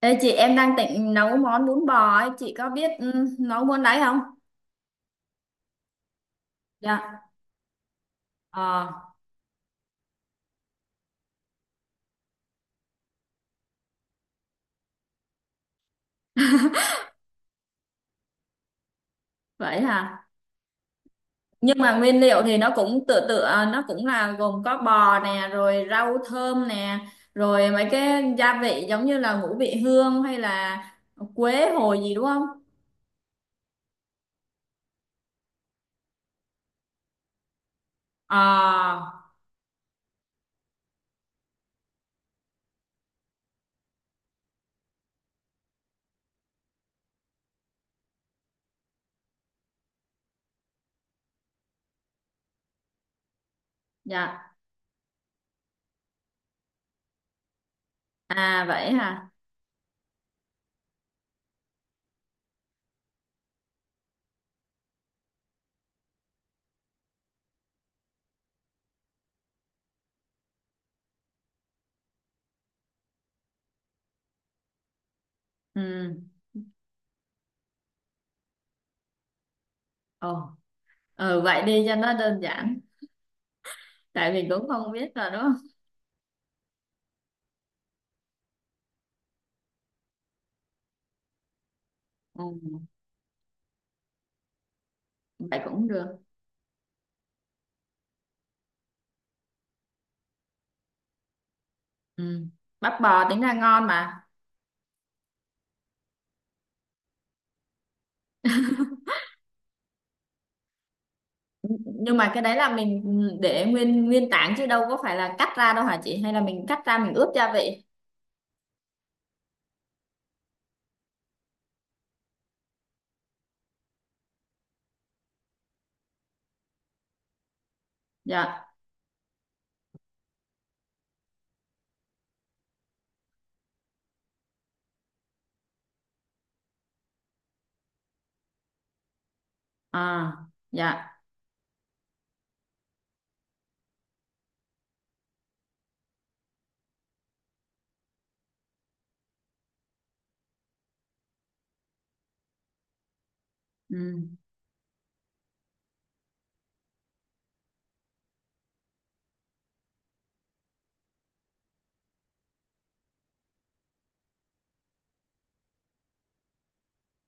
Ê chị em đang định nấu món bún bò ấy, chị có biết nấu món đấy không? Dạ. Ờ. Vậy hả? Nhưng mà nguyên liệu thì nó cũng tựa tựa, nó cũng là gồm có bò nè, rồi rau thơm nè, rồi mấy cái gia vị giống như là ngũ vị hương hay là quế hồi gì đúng không? Ờ, dạ. À vậy hả? Ừ. Ồ, ừ, vậy đi cho nó đơn giản. Tại vì cũng không biết rồi đúng không? Ừ, vậy cũng được. Ừ. Bắp bò tính ra ngon mà. Nhưng mà cái đấy là mình để nguyên nguyên tảng chứ đâu có phải là cắt ra đâu hả chị, hay là mình cắt ra mình ướp gia vị? Dạ. À, dạ. Ừ,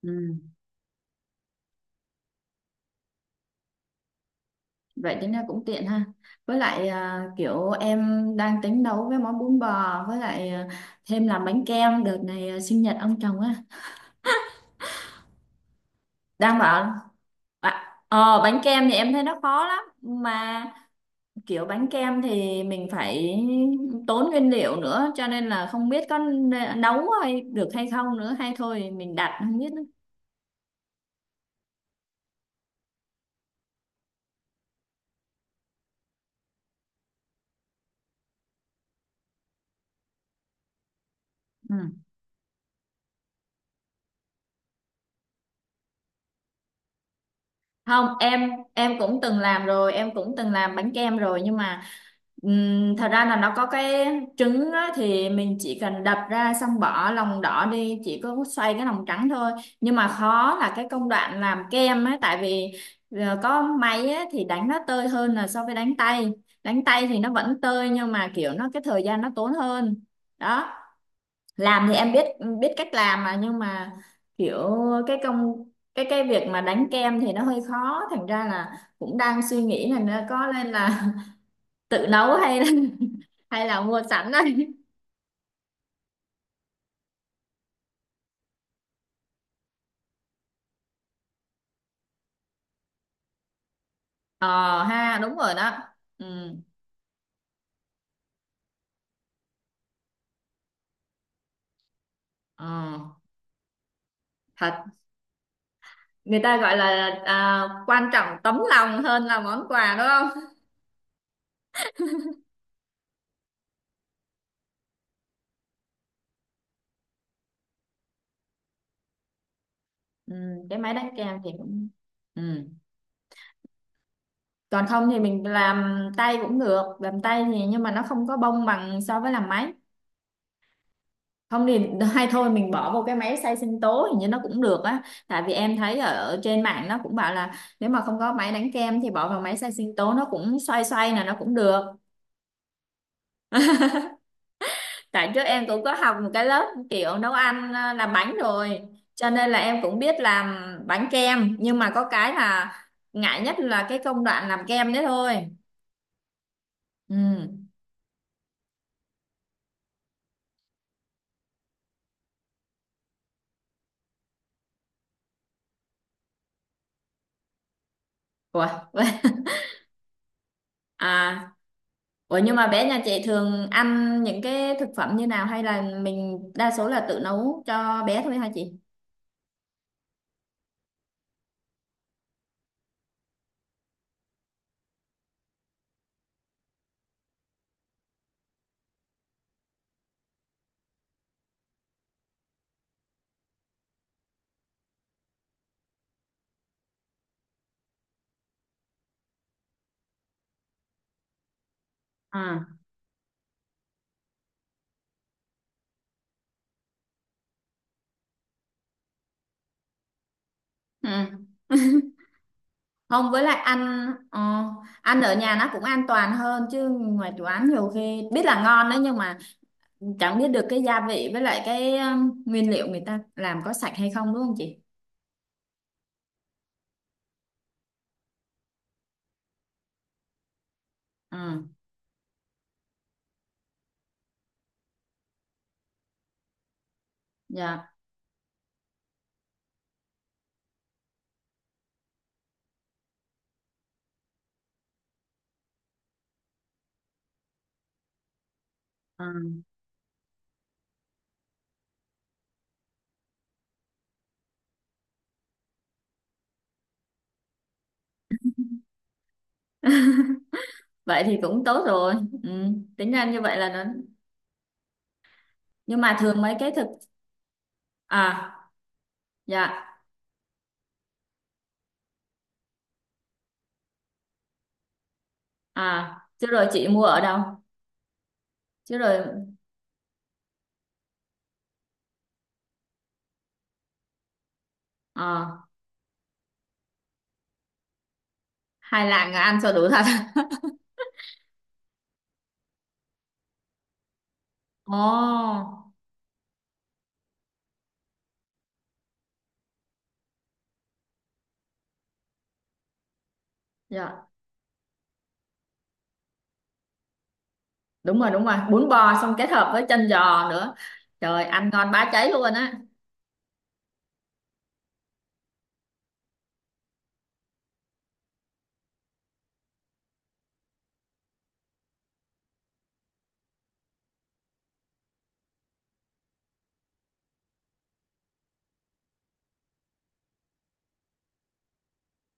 ừ. Vậy tính ra cũng tiện ha. Với lại kiểu em đang tính nấu cái món bún bò, với lại thêm làm bánh kem đợt này, sinh nhật ông chồng á, đang bảo. Bánh kem thì em thấy nó khó lắm mà, kiểu bánh kem thì mình phải tốn nguyên liệu nữa, cho nên là không biết có nấu hay được hay không nữa, hay thôi mình đặt không biết nữa. Ừ. Không, em cũng từng làm rồi, em cũng từng làm bánh kem rồi, nhưng mà thật ra là nó có cái trứng á, thì mình chỉ cần đập ra xong bỏ lòng đỏ đi, chỉ có xoay cái lòng trắng thôi. Nhưng mà khó là cái công đoạn làm kem á, tại vì có máy á thì đánh nó tơi hơn là so với đánh tay. Đánh tay thì nó vẫn tơi, nhưng mà kiểu nó cái thời gian nó tốn hơn đó. Làm thì em biết biết cách làm mà, nhưng mà kiểu cái công cái việc mà đánh kem thì nó hơi khó, thành ra là cũng đang suy nghĩ là nó có nên là tự nấu hay là mua sẵn đây. Ờ ha, đúng rồi đó. Ừ. Ờ. Thật. Người ta gọi là quan trọng tấm lòng hơn là món quà đúng không? Ừ, cái máy đánh kem thì cũng. Ừ. Còn không thì mình làm tay cũng được, làm tay thì nhưng mà nó không có bông bằng so với làm máy. Không thì hay thôi mình bỏ vào cái máy xay sinh tố, hình như nó cũng được á. Tại vì em thấy ở trên mạng nó cũng bảo là nếu mà không có máy đánh kem thì bỏ vào máy xay sinh tố nó cũng xoay xoay là nó cũng được. Tại trước em cũng có học một cái lớp kiểu nấu ăn, làm bánh rồi, cho nên là em cũng biết làm bánh kem, nhưng mà có cái là ngại nhất là cái công đoạn làm kem đấy thôi. Ừ. Ủa? À. Ủa nhưng mà bé nhà chị thường ăn những cái thực phẩm như nào, hay là mình đa số là tự nấu cho bé thôi hả chị? À. Ừ. Không, với lại ăn ở nhà nó cũng an toàn hơn chứ ngoài quán nhiều khi biết là ngon đấy, nhưng mà chẳng biết được cái gia vị với lại cái nguyên liệu người ta làm có sạch hay không đúng không chị? Ừ. Dạ. Ừ. Vậy thì cũng tốt rồi. Ừ. Tính ra như vậy là nó. Nhưng mà thường mấy cái thực. À. Dạ. À, chứ rồi chị mua ở đâu? Chứ rồi. Ờ, hai lạng là ăn cho đủ thật. Ồ, dạ, đúng rồi, đúng rồi. Bún bò xong kết hợp với chân giò nữa. Trời, ăn ngon bá cháy luôn á.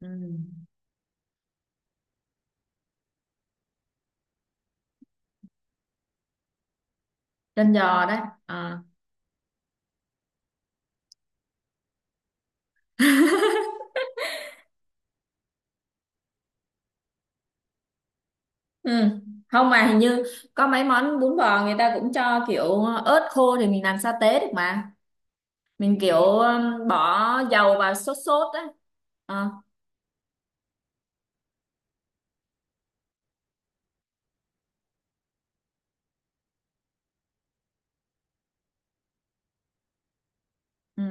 Ừ. Chân giò đấy. Ờ. Ừ. Không mà hình như có mấy món bún bò người ta cũng cho kiểu ớt khô thì mình làm sa tế được mà. Mình kiểu bỏ dầu vào sốt sốt á. Ờ, ừ.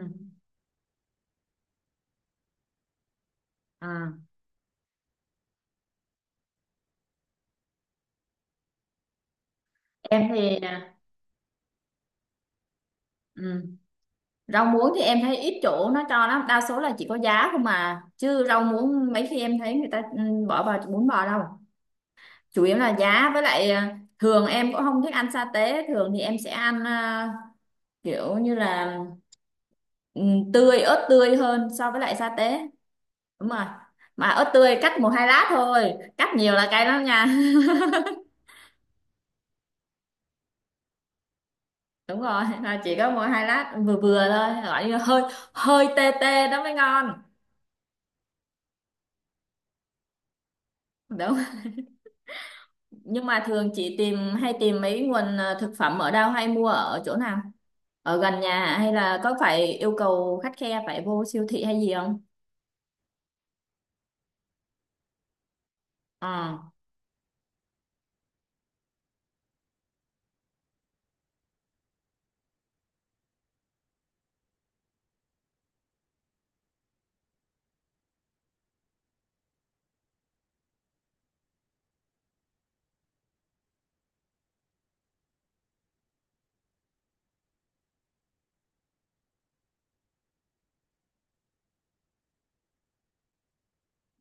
À, em thì à, ừ. Rau muống thì em thấy ít chỗ nó cho lắm, đa số là chỉ có giá không mà, chứ rau muống mấy khi em thấy người ta bỏ vào bún bò đâu. Chủ yếu là giá, với lại thường em cũng không thích ăn sa tế, thường thì em sẽ ăn, kiểu như là ừ, ớt tươi hơn so với lại sa tế. Đúng rồi, mà ớt tươi cắt một hai lát thôi, cắt nhiều là cay lắm nha. Đúng rồi, là chỉ có một hai lát vừa vừa thôi, gọi như hơi hơi tê tê đó mới ngon. Đúng. Nhưng mà thường chị hay tìm mấy nguồn thực phẩm ở đâu, hay mua ở chỗ nào? Ở gần nhà à? Hay là có phải yêu cầu khắt khe phải vô siêu thị hay gì không? Ờ.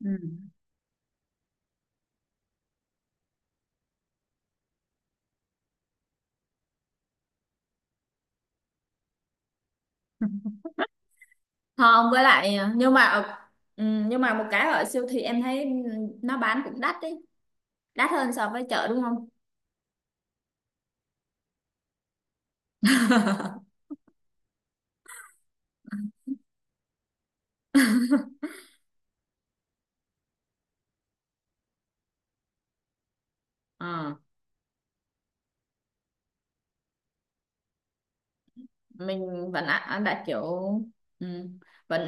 Ừ. Không, với lại nhưng mà ừ, nhưng mà một cái ở siêu thị em thấy nó bán cũng đắt đấy, đắt hơn so với chợ đúng không? Ờ. Mình vẫn ăn, đặt kiểu. Ừ, vẫn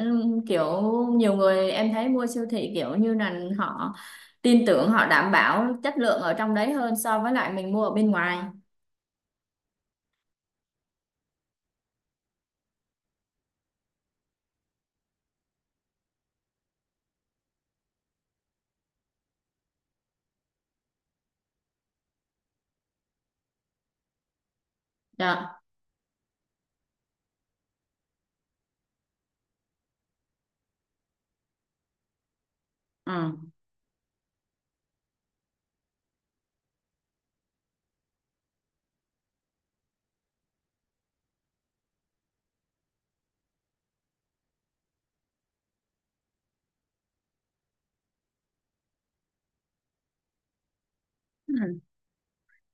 kiểu nhiều người em thấy mua siêu thị kiểu như là họ tin tưởng, họ đảm bảo chất lượng ở trong đấy hơn so với lại mình mua ở bên ngoài. Dạ. Ừ. Ừ.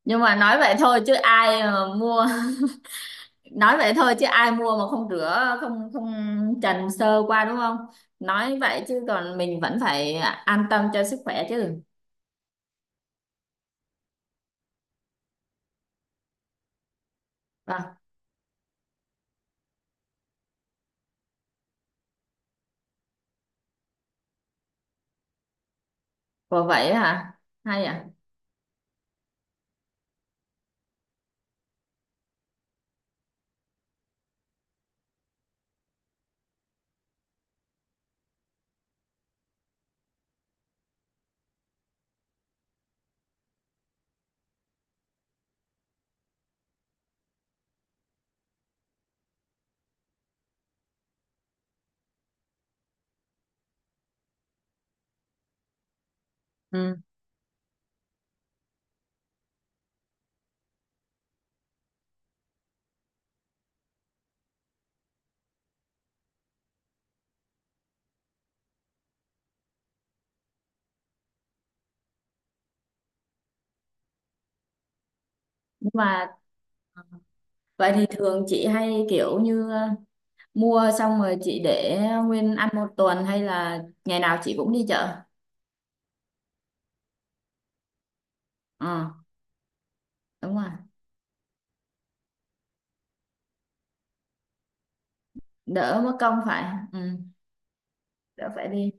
Nhưng mà nói vậy thôi chứ ai mà mua. Nói vậy thôi chứ ai mua mà không rửa, không không trần sơ qua đúng không? Nói vậy chứ còn mình vẫn phải an tâm cho sức khỏe chứ. Vâng. Ủa vậy hả. Hay à. Ừ. Nhưng mà. Vậy thì thường chị hay kiểu như mua xong rồi chị để nguyên ăn một tuần, hay là ngày nào chị cũng đi chợ? Ờ, đúng rồi. Đỡ mất công phải. Ừ, đỡ phải đi.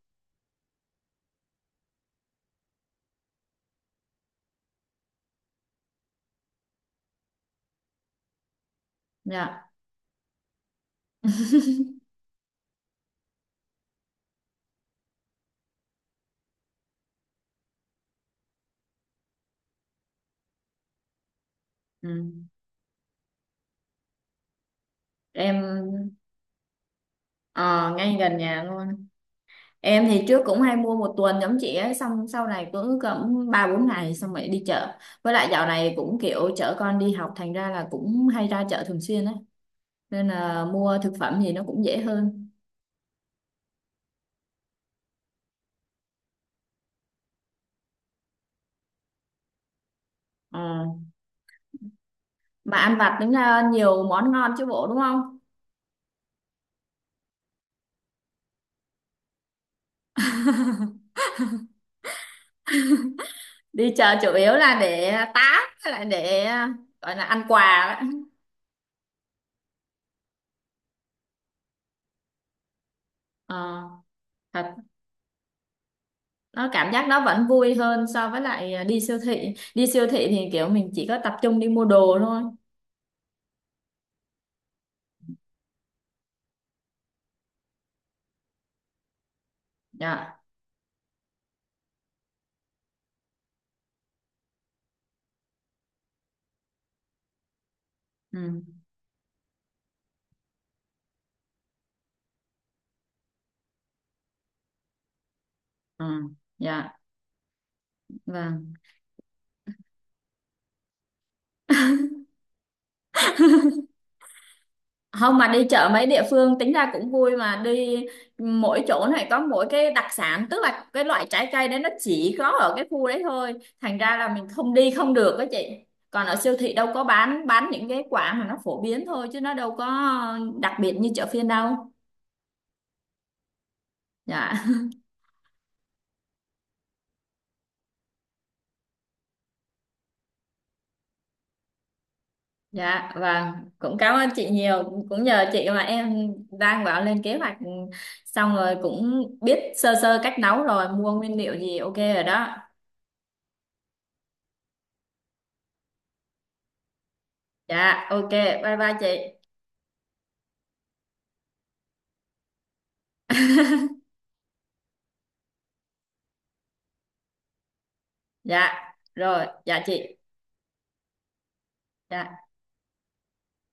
Dạ. Ừ. Em ờ, ngay gần nhà luôn. Em thì trước cũng hay mua một tuần giống chị ấy, xong sau này cứ cỡ ba bốn ngày xong rồi đi chợ. Với lại dạo này cũng kiểu chở con đi học, thành ra là cũng hay ra chợ thường xuyên ấy. Nên là mua thực phẩm gì nó cũng dễ hơn. Ờ. Mà ăn vặt tính ra nhiều món ngon chứ bộ đúng không? Đi chợ chủ yếu là để tám, với lại để gọi là ăn quà đấy. Ờ, thật. Nó cảm giác nó vẫn vui hơn so với lại đi siêu thị, đi siêu thị thì kiểu mình chỉ có tập trung đi mua đồ thôi. Dạ. Ừ, ừ. Dạ, vâng. Không, mà đi chợ mấy địa phương tính ra cũng vui mà, đi mỗi chỗ này có mỗi cái đặc sản, tức là cái loại trái cây đấy nó chỉ có ở cái khu đấy thôi, thành ra là mình không đi không được đó chị. Còn ở siêu thị đâu có bán những cái quả mà nó phổ biến thôi chứ nó đâu có đặc biệt như chợ phiên đâu. Dạ. Dạ, vâng, cũng cảm ơn chị nhiều, cũng nhờ chị mà em đang bảo lên kế hoạch, xong rồi cũng biết sơ sơ cách nấu rồi mua nguyên liệu gì ok rồi đó. Dạ ok. Bye bye chị. Dạ rồi dạ chị. Dạ.